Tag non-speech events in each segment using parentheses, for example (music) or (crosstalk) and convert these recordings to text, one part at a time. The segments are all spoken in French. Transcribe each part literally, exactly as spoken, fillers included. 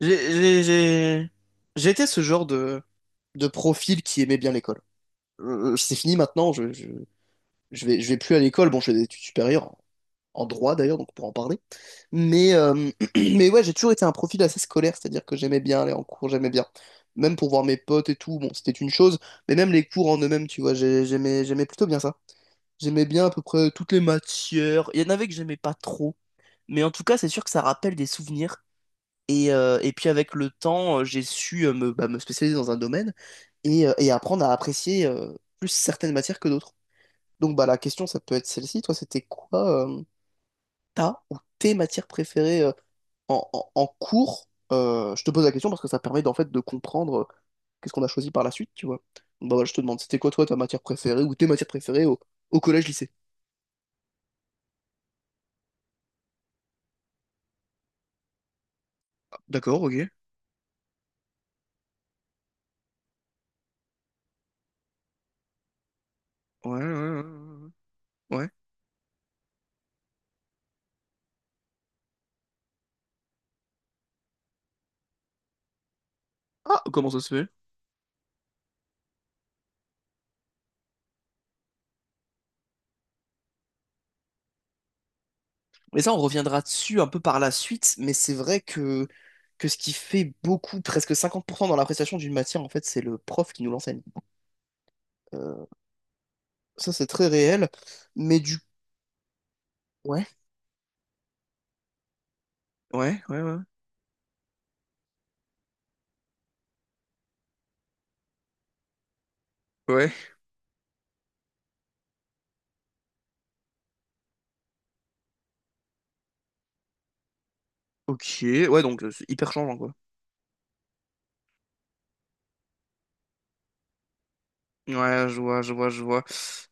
J'ai j'ai- j'ai- J'étais ce genre de, de profil qui aimait bien l'école. Euh, c'est fini maintenant, je, je, je vais, je vais plus à l'école. Bon, je fais des études supérieures, en, en droit d'ailleurs, donc on pourra en parler. Mais, euh, (clears throat) mais ouais, j'ai toujours été un profil assez scolaire, c'est-à-dire que j'aimais bien aller en cours, j'aimais bien. Même pour voir mes potes et tout, bon, c'était une chose, mais même les cours en eux-mêmes, tu vois, j'ai- j'aimais, j'aimais plutôt bien ça. J'aimais bien à peu près toutes les matières. Il y en avait que j'aimais pas trop. Mais en tout cas, c'est sûr que ça rappelle des souvenirs et, euh, et puis avec le temps, euh, j'ai su euh, me, bah, me spécialiser dans un domaine et, euh, et apprendre à apprécier euh, plus certaines matières que d'autres. Donc bah, la question, ça peut être celle-ci. Toi, c'était quoi euh, ta ou tes matières préférées euh, en, en- en cours? Euh, je te pose la question parce que ça permet d'en fait de comprendre euh, qu'est-ce qu'on a choisi par la suite, tu vois. Donc, bah, voilà, je te demande, c'était quoi toi ta matière préférée ou tes matières préférées au, au collège-lycée? D'accord, ok. Ouais, ouais, ouais. ouais. ouais. Ah, comment ça se fait? Mais ça, on reviendra dessus un peu par la suite, mais c'est vrai que, que ce qui fait beaucoup, presque cinquante pour cent dans l'appréciation d'une matière, en fait, c'est le prof qui nous l'enseigne. Euh, Ça, c'est très réel, mais du... Ouais, ouais, ouais, ouais. Ouais. Ok, ouais, donc euh, c'est hyper changeant, quoi. Ouais, je vois, je vois, je vois.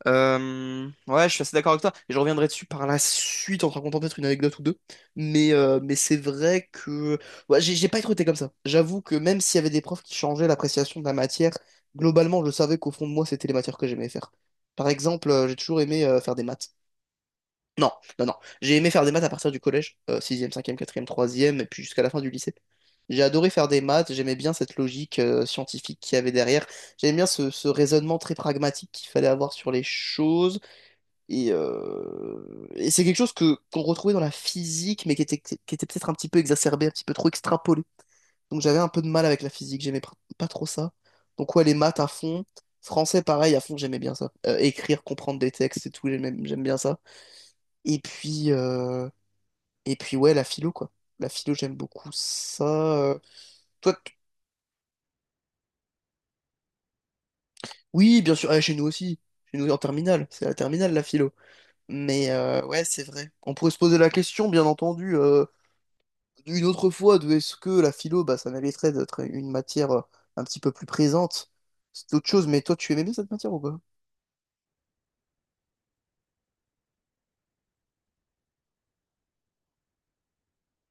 Euh, ouais, je suis assez d'accord avec toi. Et je reviendrai dessus par la suite en te racontant peut-être une anecdote ou deux. Mais, euh, mais c'est vrai que ouais, j'ai j'ai pas été recruté comme ça. J'avoue que même s'il y avait des profs qui changeaient l'appréciation de la matière, globalement, je savais qu'au fond de moi, c'était les matières que j'aimais faire. Par exemple, euh, j'ai toujours aimé euh, faire des maths. Non, non, non. J'ai aimé faire des maths à partir du collège, sixième, cinquième, quatrième et puis jusqu'à la fin du lycée. J'ai adoré faire des maths, j'aimais bien cette logique euh, scientifique qu'il y avait derrière, j'aimais bien ce, ce raisonnement très pragmatique qu'il fallait avoir sur les choses, et, euh, et c'est quelque chose que qu'on retrouvait dans la physique, mais qui était, qui était peut-être un petit peu exacerbé, un petit peu trop extrapolé. Donc j'avais un peu de mal avec la physique, j'aimais pr- pas trop ça. Donc ouais, les maths à fond, français pareil à fond, j'aimais bien ça. Euh, écrire, comprendre des textes et tout, j'aimais- j'aime bien ça. Et puis, euh, et puis ouais, la philo, quoi. La philo, j'aime beaucoup ça. Euh, Toi, t- oui, bien sûr, ah, chez nous aussi. Chez nous en terminale, c'est la terminale, la philo. Mais euh, ouais, c'est vrai. On pourrait se poser la question, bien entendu, euh, une autre fois, de est-ce que la philo, bah, ça mériterait d'être une matière euh, un petit peu plus présente. C'est autre chose, mais toi, tu aimais bien cette matière ou pas?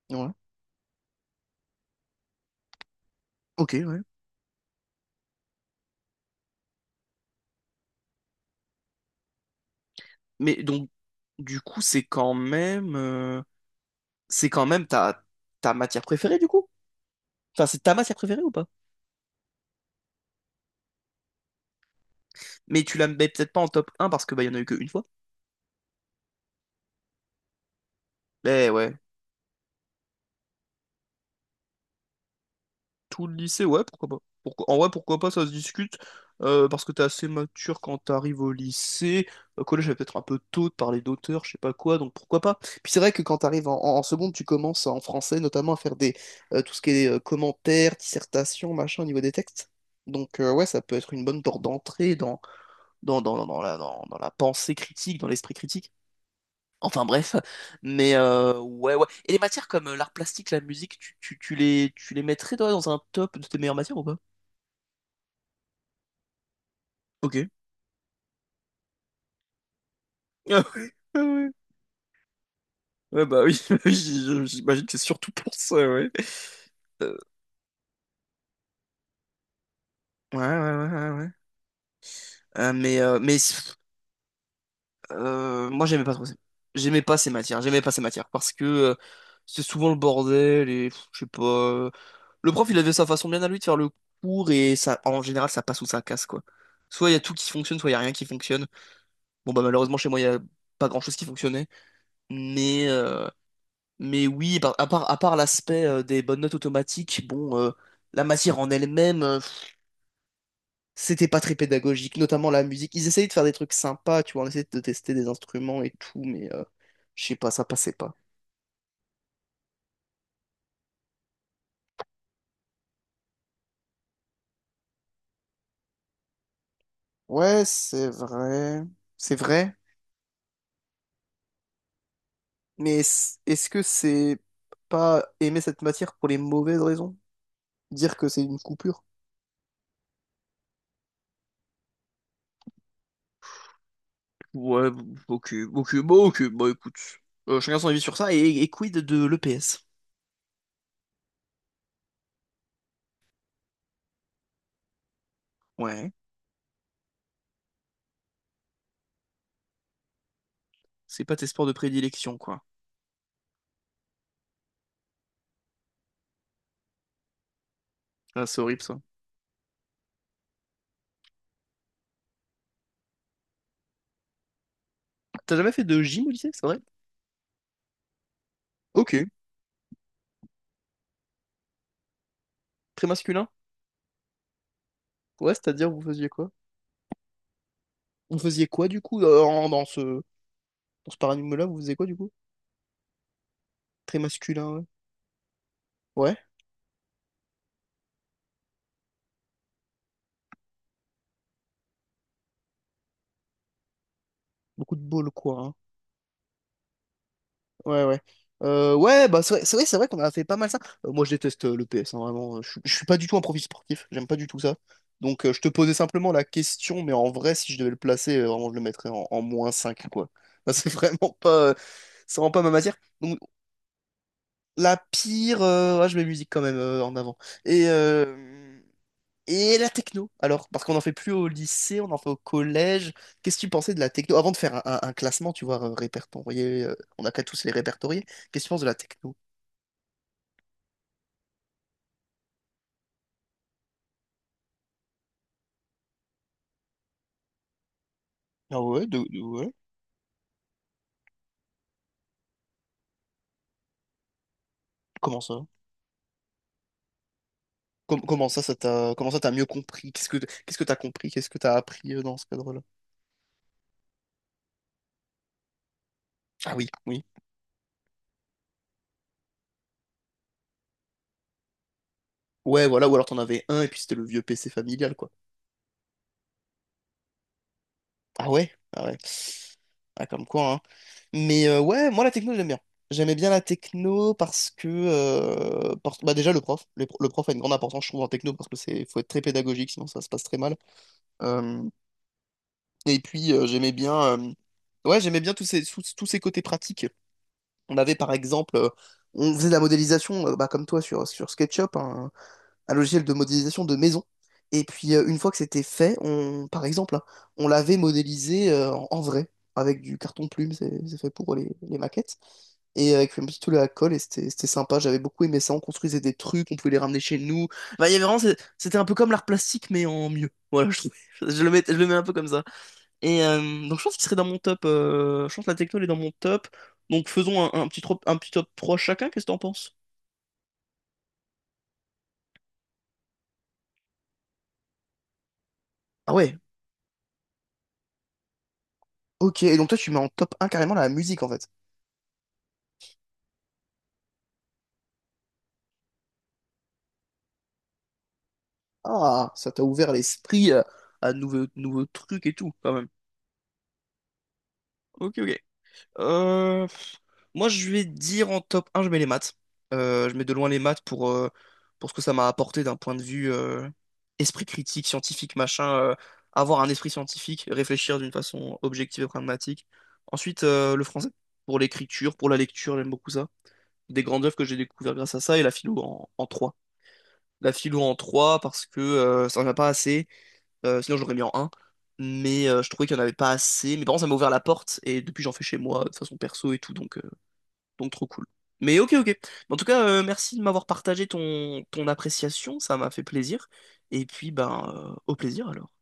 Ouais. Ok, ouais. Mais donc, du coup, c'est quand même, euh, c'est quand même ta, ta matière préférée, du coup? Enfin, c'est ta matière préférée ou pas? Mais tu la mets peut-être pas en top un parce que bah, il y en a eu qu'une fois. Mais ouais, tout le lycée, ouais, pourquoi pas. Pourquoi... En vrai, pourquoi pas, ça se discute. Euh, parce que t'es assez mature quand t'arrives au lycée. Au collège, j'avais peut-être un peu tôt de parler d'auteur, je sais pas quoi, donc pourquoi pas. Puis c'est vrai que quand t'arrives en, en, en seconde, tu commences en français notamment à faire des euh, tout ce qui est euh, commentaires, dissertations, machin au niveau des textes. Donc euh, ouais, ça peut être une bonne porte d'entrée dans, dans, dans, dans dans la, dans, dans la pensée critique, dans l'esprit critique. Enfin bref, mais euh, ouais ouais. Et les matières comme euh, l'art plastique, la musique, tu, tu, tu les tu les mettrais toi dans un top de tes meilleures matières ou pas? Ok. (laughs) Ah ouais, ah ouais. Ouais, bah oui, (laughs) oui, j- j'imagine que c'est surtout pour ça, ouais. Euh, ouais, ouais, ouais, ouais. ouais. Euh, mais euh, mais euh, moi j'aimais pas trop ça. J'aimais pas ces matières, j'aimais pas ces matières parce que euh, c'est souvent le bordel et pff, je sais pas. euh, Le prof il avait sa façon bien à lui de faire le cours et ça en général ça passe ou ça casse quoi. Soit il y a tout qui fonctionne, soit il y a rien qui fonctionne. Bon, bah, malheureusement, chez moi, il y a pas grand-chose qui fonctionnait. Mais, euh, mais oui, par- à part, à part l'aspect euh, des bonnes notes automatiques, bon, euh, la matière en elle-même, euh, pff, c'était pas très pédagogique, notamment la musique. Ils essayaient de faire des trucs sympas, tu vois, on essayait de tester des instruments et tout, mais euh, je sais pas, ça passait pas. Ouais, c'est vrai. C'est vrai. Mais est- est-ce que c'est pas aimer cette matière pour les mauvaises raisons? Dire que c'est une coupure? Ouais, ok, ok, bon, ok, bah écoute. Euh, chacun son avis sur ça. Et, et quid de l'E P S? Ouais, c'est pas tes sports de prédilection, quoi. Ah, c'est horrible ça. T'as jamais fait de gym au lycée, c'est vrai? Ok, très masculin. Ouais, c'est-à-dire, vous faisiez quoi? Vous faisiez quoi du coup euh, en- dans ce, dans ce paradigme-là, vous faisiez quoi du coup? Très masculin, ouais. Ouais, beaucoup de bol, quoi. hein. Ouais, ouais. Euh, ouais, bah c'est vrai, c'est vrai, c'est vrai qu'on a fait pas mal ça. Euh, moi, je déteste euh, le P S, hein, vraiment. euh, Je, suis je suis pas du tout un profil sportif, j'aime pas du tout ça. Donc, euh, je te posais simplement la question, mais en vrai, si je devais le placer, euh, vraiment, je le mettrais en, en moins cinq quoi. Bah, c'est (laughs) vraiment pas, euh, c'est vraiment pas ma matière. Donc, la pire, euh, ouais, je mets musique quand même euh, en avant. Et euh, et la techno, alors, parce qu'on n'en fait plus au lycée, on en fait au collège. Qu'est-ce que tu pensais de la techno? Avant de faire un, un- un classement, tu vois, euh, répertorié, euh, on n'a qu'à tous les répertorier. Qu'est-ce que tu penses de la techno? Ah ouais, de, de- ouais. Comment ça? Com- comment ça, ça t'a, comment ça t'as mieux compris? Qu'est-ce que, qu'est-ce que t'as compris? Qu'est-ce que t'as appris euh, dans ce cadre-là? Ah oui, oui. Ouais, voilà, ou alors t'en avais un et puis c'était le vieux P C familial, quoi. Ah ouais? Ah ouais. Ah, comme quoi, hein. Mais euh, ouais, moi la techno, j'aime bien. J'aimais bien la techno parce que euh, parce- bah déjà le prof, le, le prof a une grande importance, je trouve, en techno parce que c'est faut être très pédagogique, sinon ça se passe très mal. Euh, et puis euh, j'aimais bien, euh, ouais, j'aimais bien tous ces tous, tous ces côtés pratiques. On avait par exemple, euh, on faisait de la modélisation, euh, bah, comme toi sur sur SketchUp, hein un logiciel de modélisation de maison. Et puis euh, une fois que c'était fait, on, par exemple, hein, on l'avait modélisé euh, en en vrai, avec du carton plume, c'est c'est fait pour les, les maquettes, et avec un petit tout la colle, et c'était c'était sympa, j'avais beaucoup aimé ça, on construisait des trucs, on pouvait les ramener chez nous. Bah il y avait vraiment, c'est- c'était un peu comme l'art plastique, mais en mieux. Voilà, je, trouve- (laughs) je le mets, je le mets un peu comme ça. Et euh, donc je pense qu'il serait dans mon top, euh, je pense que la techno elle est dans mon top, donc faisons un, un petit, trop- un petit top trois chacun, qu'est-ce que t'en penses? Ah ouais, ok, et donc toi tu mets en top un carrément la musique en fait. Ah, ça t'a ouvert l'esprit euh, à de nouveaux, nouveaux trucs et tout, quand même. Ok, ok. Euh, pff, moi, je vais dire en top un je mets les maths. Euh, je mets de loin les maths pour, euh, pour ce que ça m'a apporté d'un point de vue euh, esprit critique, scientifique, machin. Euh, avoir un esprit scientifique, réfléchir d'une façon objective et pragmatique. Ensuite, euh, le français, pour l'écriture, pour la lecture, j'aime beaucoup ça. Des grandes œuvres que j'ai découvertes grâce à ça, et la philo en, en trois. La philo en trois parce que euh, ça n'en a pas assez. Euh, sinon, j'aurais mis en un Mais euh, je trouvais qu'il n'y en avait pas assez. Mes parents, ça m'a ouvert la porte. Et depuis, j'en fais chez moi, de façon perso et tout. Donc, euh, donc trop cool. Mais ok, ok. En tout cas, euh, merci de m'avoir partagé ton, ton appréciation. Ça m'a fait plaisir. Et puis, ben, euh, au plaisir alors.